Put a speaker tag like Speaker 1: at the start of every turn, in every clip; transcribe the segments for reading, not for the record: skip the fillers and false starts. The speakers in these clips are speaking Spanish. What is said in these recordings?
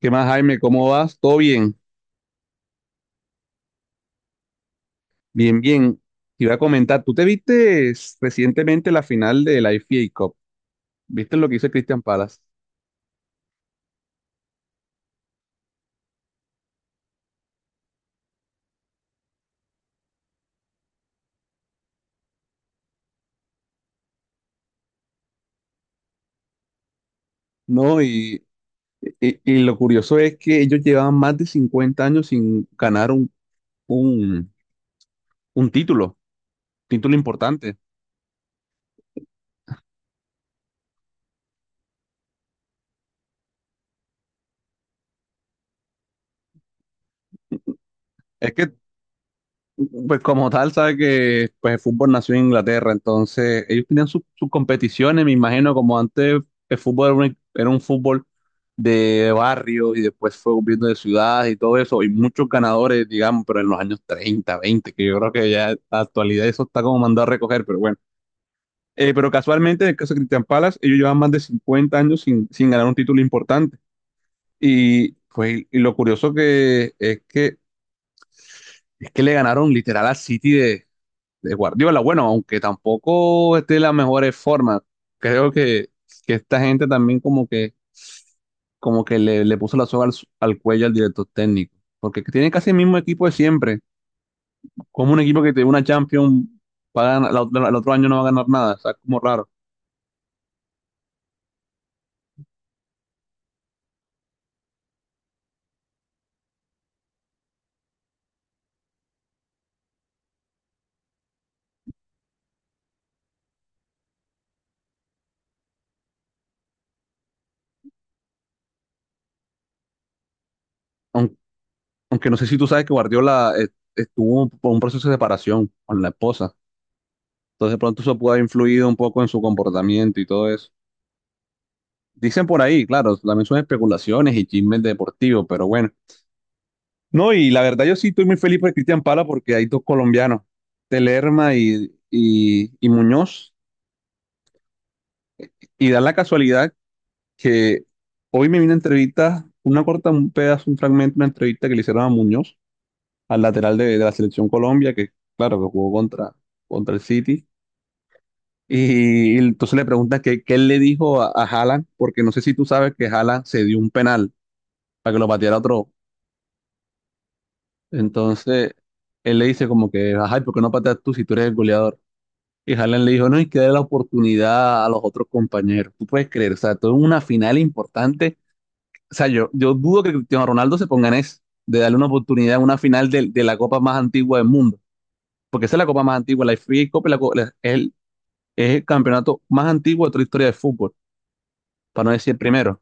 Speaker 1: ¿Qué más, Jaime? ¿Cómo vas? ¿Todo bien? Bien, bien. Te iba a comentar, ¿tú te viste recientemente la final de la FA Cup? ¿Viste lo que hizo Christian Palace? No, y lo curioso es que ellos llevaban más de 50 años sin ganar un, un título importante. Es que Pues como tal, sabe que pues, el fútbol nació en Inglaterra, entonces ellos tenían sus competiciones, me imagino, como antes el fútbol era un fútbol de barrio y después fue volviendo de ciudades y todo eso, y muchos ganadores, digamos, pero en los años 30, 20, que yo creo que ya en la actualidad eso está como mandado a recoger, pero bueno. Pero casualmente, en el caso de Cristian Palace, ellos llevan más de 50 años sin ganar un título importante. Y, pues, lo curioso es que le ganaron literal a City de Guardiola. Bueno, aunque tampoco esté de las mejores formas, creo que esta gente también como que le puso la soga al cuello al director técnico, porque tiene casi el mismo equipo de siempre, como un equipo que tiene una Champions, el otro año no va a ganar nada. O sea, como raro. Aunque, aunque, no sé si tú sabes que Guardiola estuvo por un proceso de separación con la esposa, entonces de pronto eso puede haber influido un poco en su comportamiento y todo eso. Dicen por ahí, claro, también son especulaciones y chismes deportivos, pero bueno. No, y la verdad yo sí estoy muy feliz por Cristian Pala, porque hay dos colombianos, Telerma y Muñoz, y da la casualidad que hoy me vino una entrevista, una corta, un pedazo, un fragmento, una entrevista que le hicieron a Muñoz, al lateral de la selección Colombia, que claro, que jugó contra el City. Y entonces le pregunta que qué él le dijo a Haaland, porque no sé si tú sabes que Haaland se dio un penal para que lo pateara otro. Entonces él le dice como que, ajá, y ¿por qué no pateas tú si tú eres el goleador? Y Haaland le dijo, no, hay que darle la oportunidad a los otros compañeros. ¿Tú puedes creer? O sea, todo es una final importante. O sea, yo dudo que Cristiano Ronaldo se ponga en eso, de darle una oportunidad a una final de la copa más antigua del mundo. Porque esa es la copa más antigua. La FA Cup es, es el, campeonato más antiguo de toda la historia del fútbol, para no decir el primero.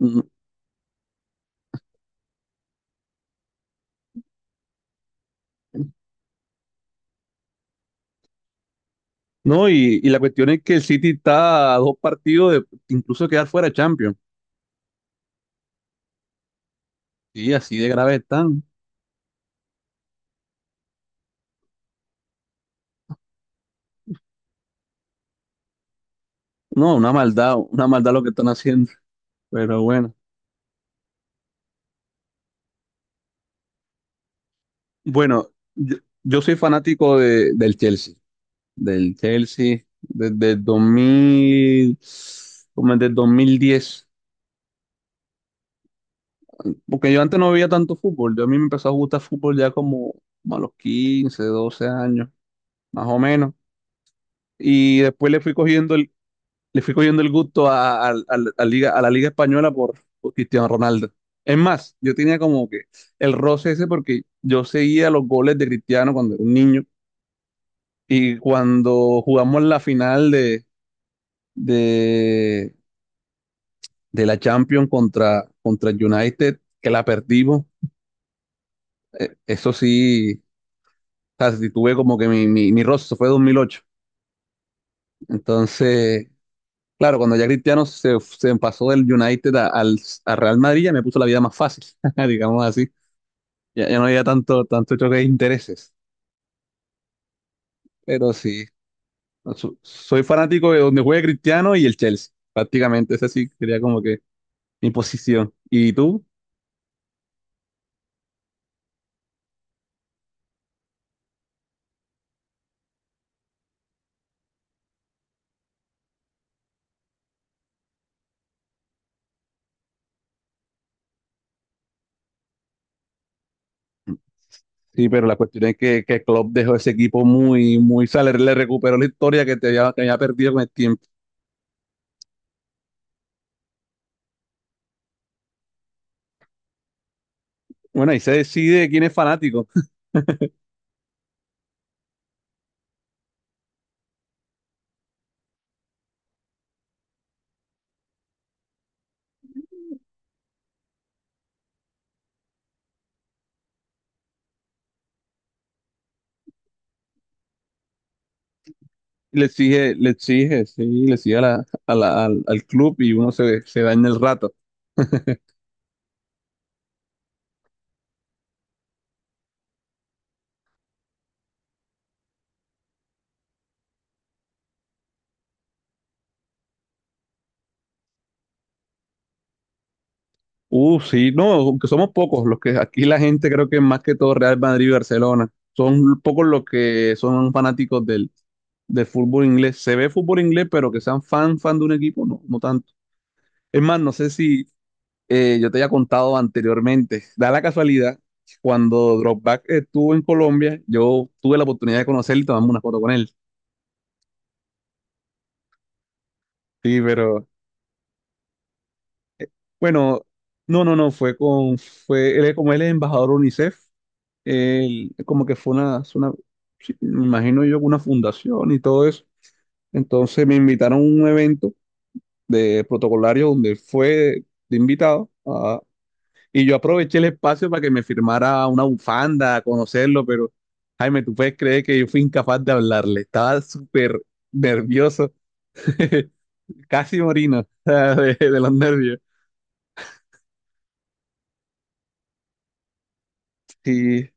Speaker 1: Mm. No, y la cuestión es que el City está a dos partidos de incluso quedar fuera de Champions. Y así de grave están. No, una maldad lo que están haciendo. Pero bueno. Bueno, yo, yo soy fanático del Chelsea, del Chelsea desde el 2000, como desde el 2010, porque yo antes no veía tanto fútbol. Yo a mí me empezó a gustar fútbol ya como a los 15, 12 años, más o menos. Y después le fui cogiendo el gusto a Liga, a la Liga Española por Cristiano Ronaldo. Es más, yo tenía como que el roce ese porque yo seguía los goles de Cristiano cuando era un niño. Y cuando jugamos la final de, de la Champions contra el United, que la perdimos, eso sí, o sea, sí tuve como que mi roce. Eso fue 2008. Entonces, claro, cuando ya Cristiano se pasó del United a Real Madrid, ya me puso la vida más fácil, digamos así. Ya no había tanto choque de intereses. Pero sí, no, soy fanático de donde juegue Cristiano y el Chelsea. Prácticamente, esa sí sería como que mi posición. ¿Y tú? Sí, pero la cuestión es que Klopp dejó ese equipo muy, muy, o sea, le recuperó la historia que había perdido con el tiempo. Bueno, ahí se decide quién es fanático. Le exige, sí, le exige al club y uno se da en el rato. Sí, no, aunque somos pocos los que aquí la gente creo que más que todo Real Madrid y Barcelona. Son pocos los que son fanáticos del fútbol inglés. Se ve fútbol inglés, pero que sean fan de un equipo, no, no tanto. Es más, no sé si yo te había contado anteriormente, da la casualidad, cuando Dropback estuvo en Colombia, yo tuve la oportunidad de conocerlo y tomarme una foto con él. Sí, pero bueno, no, no, no, como él es embajador UNICEF. Él como que es una, sí, me imagino yo, una fundación y todo eso. Entonces me invitaron a un evento de protocolario donde fue de invitado. Y yo aproveché el espacio para que me firmara una bufanda, a conocerlo, pero, Jaime, ¿tú puedes creer que yo fui incapaz de hablarle? Estaba súper nervioso, casi morino, o sea, de los nervios. Y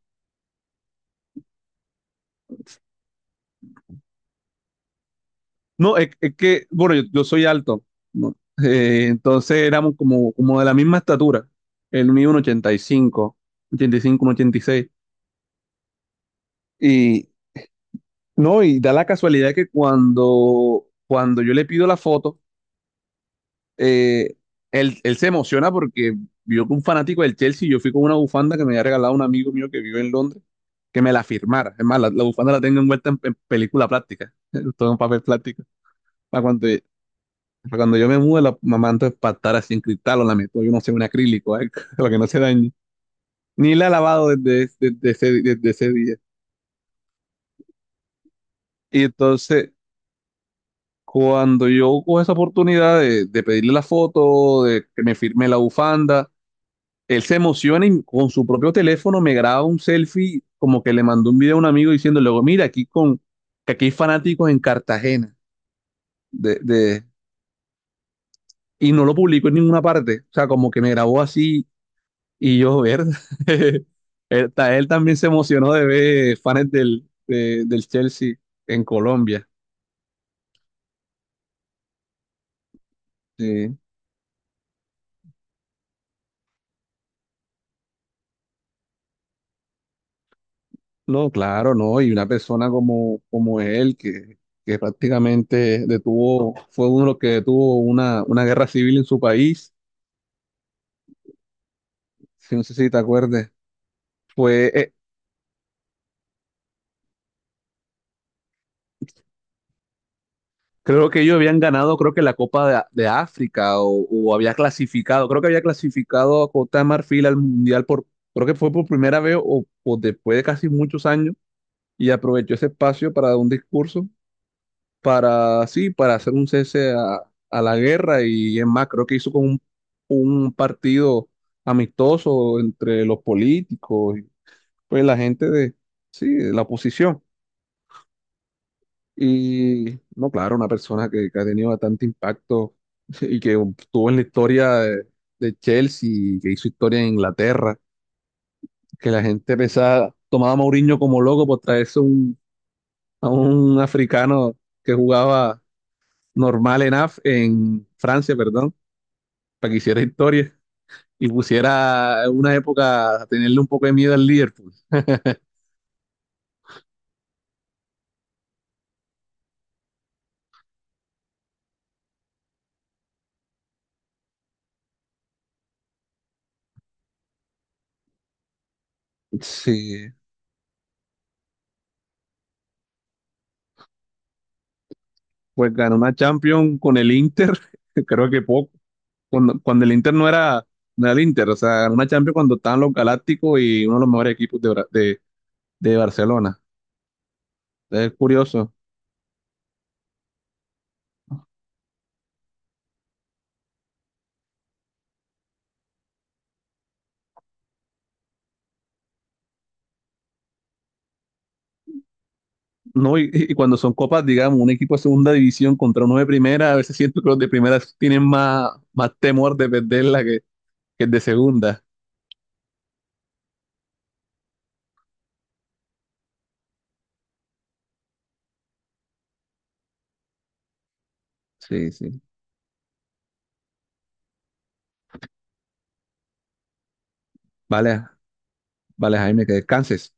Speaker 1: no, bueno, yo soy alto, ¿no? Entonces éramos como de la misma estatura. Él mide un 85, 85, un 86. Y seis. Y no, y da la casualidad que cuando yo le pido la foto, eh, él se emociona porque vio que un fanático del Chelsea, yo fui con una bufanda que me había regalado un amigo mío que vive en Londres, que me la firmara. Es más, la bufanda la tengo envuelta en película plástica, todo en papel plástico. Para cuando, para cuando yo me mude, la mamá, entonces, para estar así en cristal, o la meto, yo no sé, un acrílico, algo, para que no se dañe. Ni la he lavado desde, desde ese día. Y entonces, cuando yo cojo esa oportunidad de pedirle la foto, de que me firme la bufanda, él se emociona y con su propio teléfono me graba un selfie, como que le mandó un video a un amigo diciendo, luego, mira, que aquí hay fanáticos en Cartagena, de, de, y no lo publicó en ninguna parte. O sea, como que me grabó así y yo, ver, él, él también se emocionó de ver fans del Chelsea en Colombia. Sí. No, claro, no. Y una persona como él, que prácticamente detuvo, fue uno de los que detuvo una guerra civil en su país. Si no, sé si te acuerdes, fue, eh, creo que ellos habían ganado, creo que la Copa de África, o había clasificado, creo que había clasificado a Costa de Marfil al Mundial creo que fue por primera vez, o después de casi muchos años. Y aprovechó ese espacio para dar un discurso, para, sí, para hacer un cese a la guerra. Y es más, creo que hizo con un partido amistoso entre los políticos y pues la gente de, sí, de la oposición. Y no, claro, una persona que ha tenido bastante impacto, y que estuvo en la historia de Chelsea, que hizo historia en Inglaterra, que la gente pensaba, tomaba a Mourinho como loco por traerse a un africano que jugaba normal en Francia, perdón, para que hiciera historia y pusiera en una época a tenerle un poco de miedo al Liverpool. Sí, pues ganó una Champions con el Inter, creo que poco. Cuando el Inter no era el Inter, o sea, ganó una Champions cuando estaban los Galácticos y uno de los mejores equipos de Barcelona. Es curioso, ¿no? Y cuando son copas, digamos, un equipo de segunda división contra uno de primera, a veces siento que los de primera tienen más, más temor de perderla que el de segunda. Sí, sí. Vale, vale, Jaime, que descanses.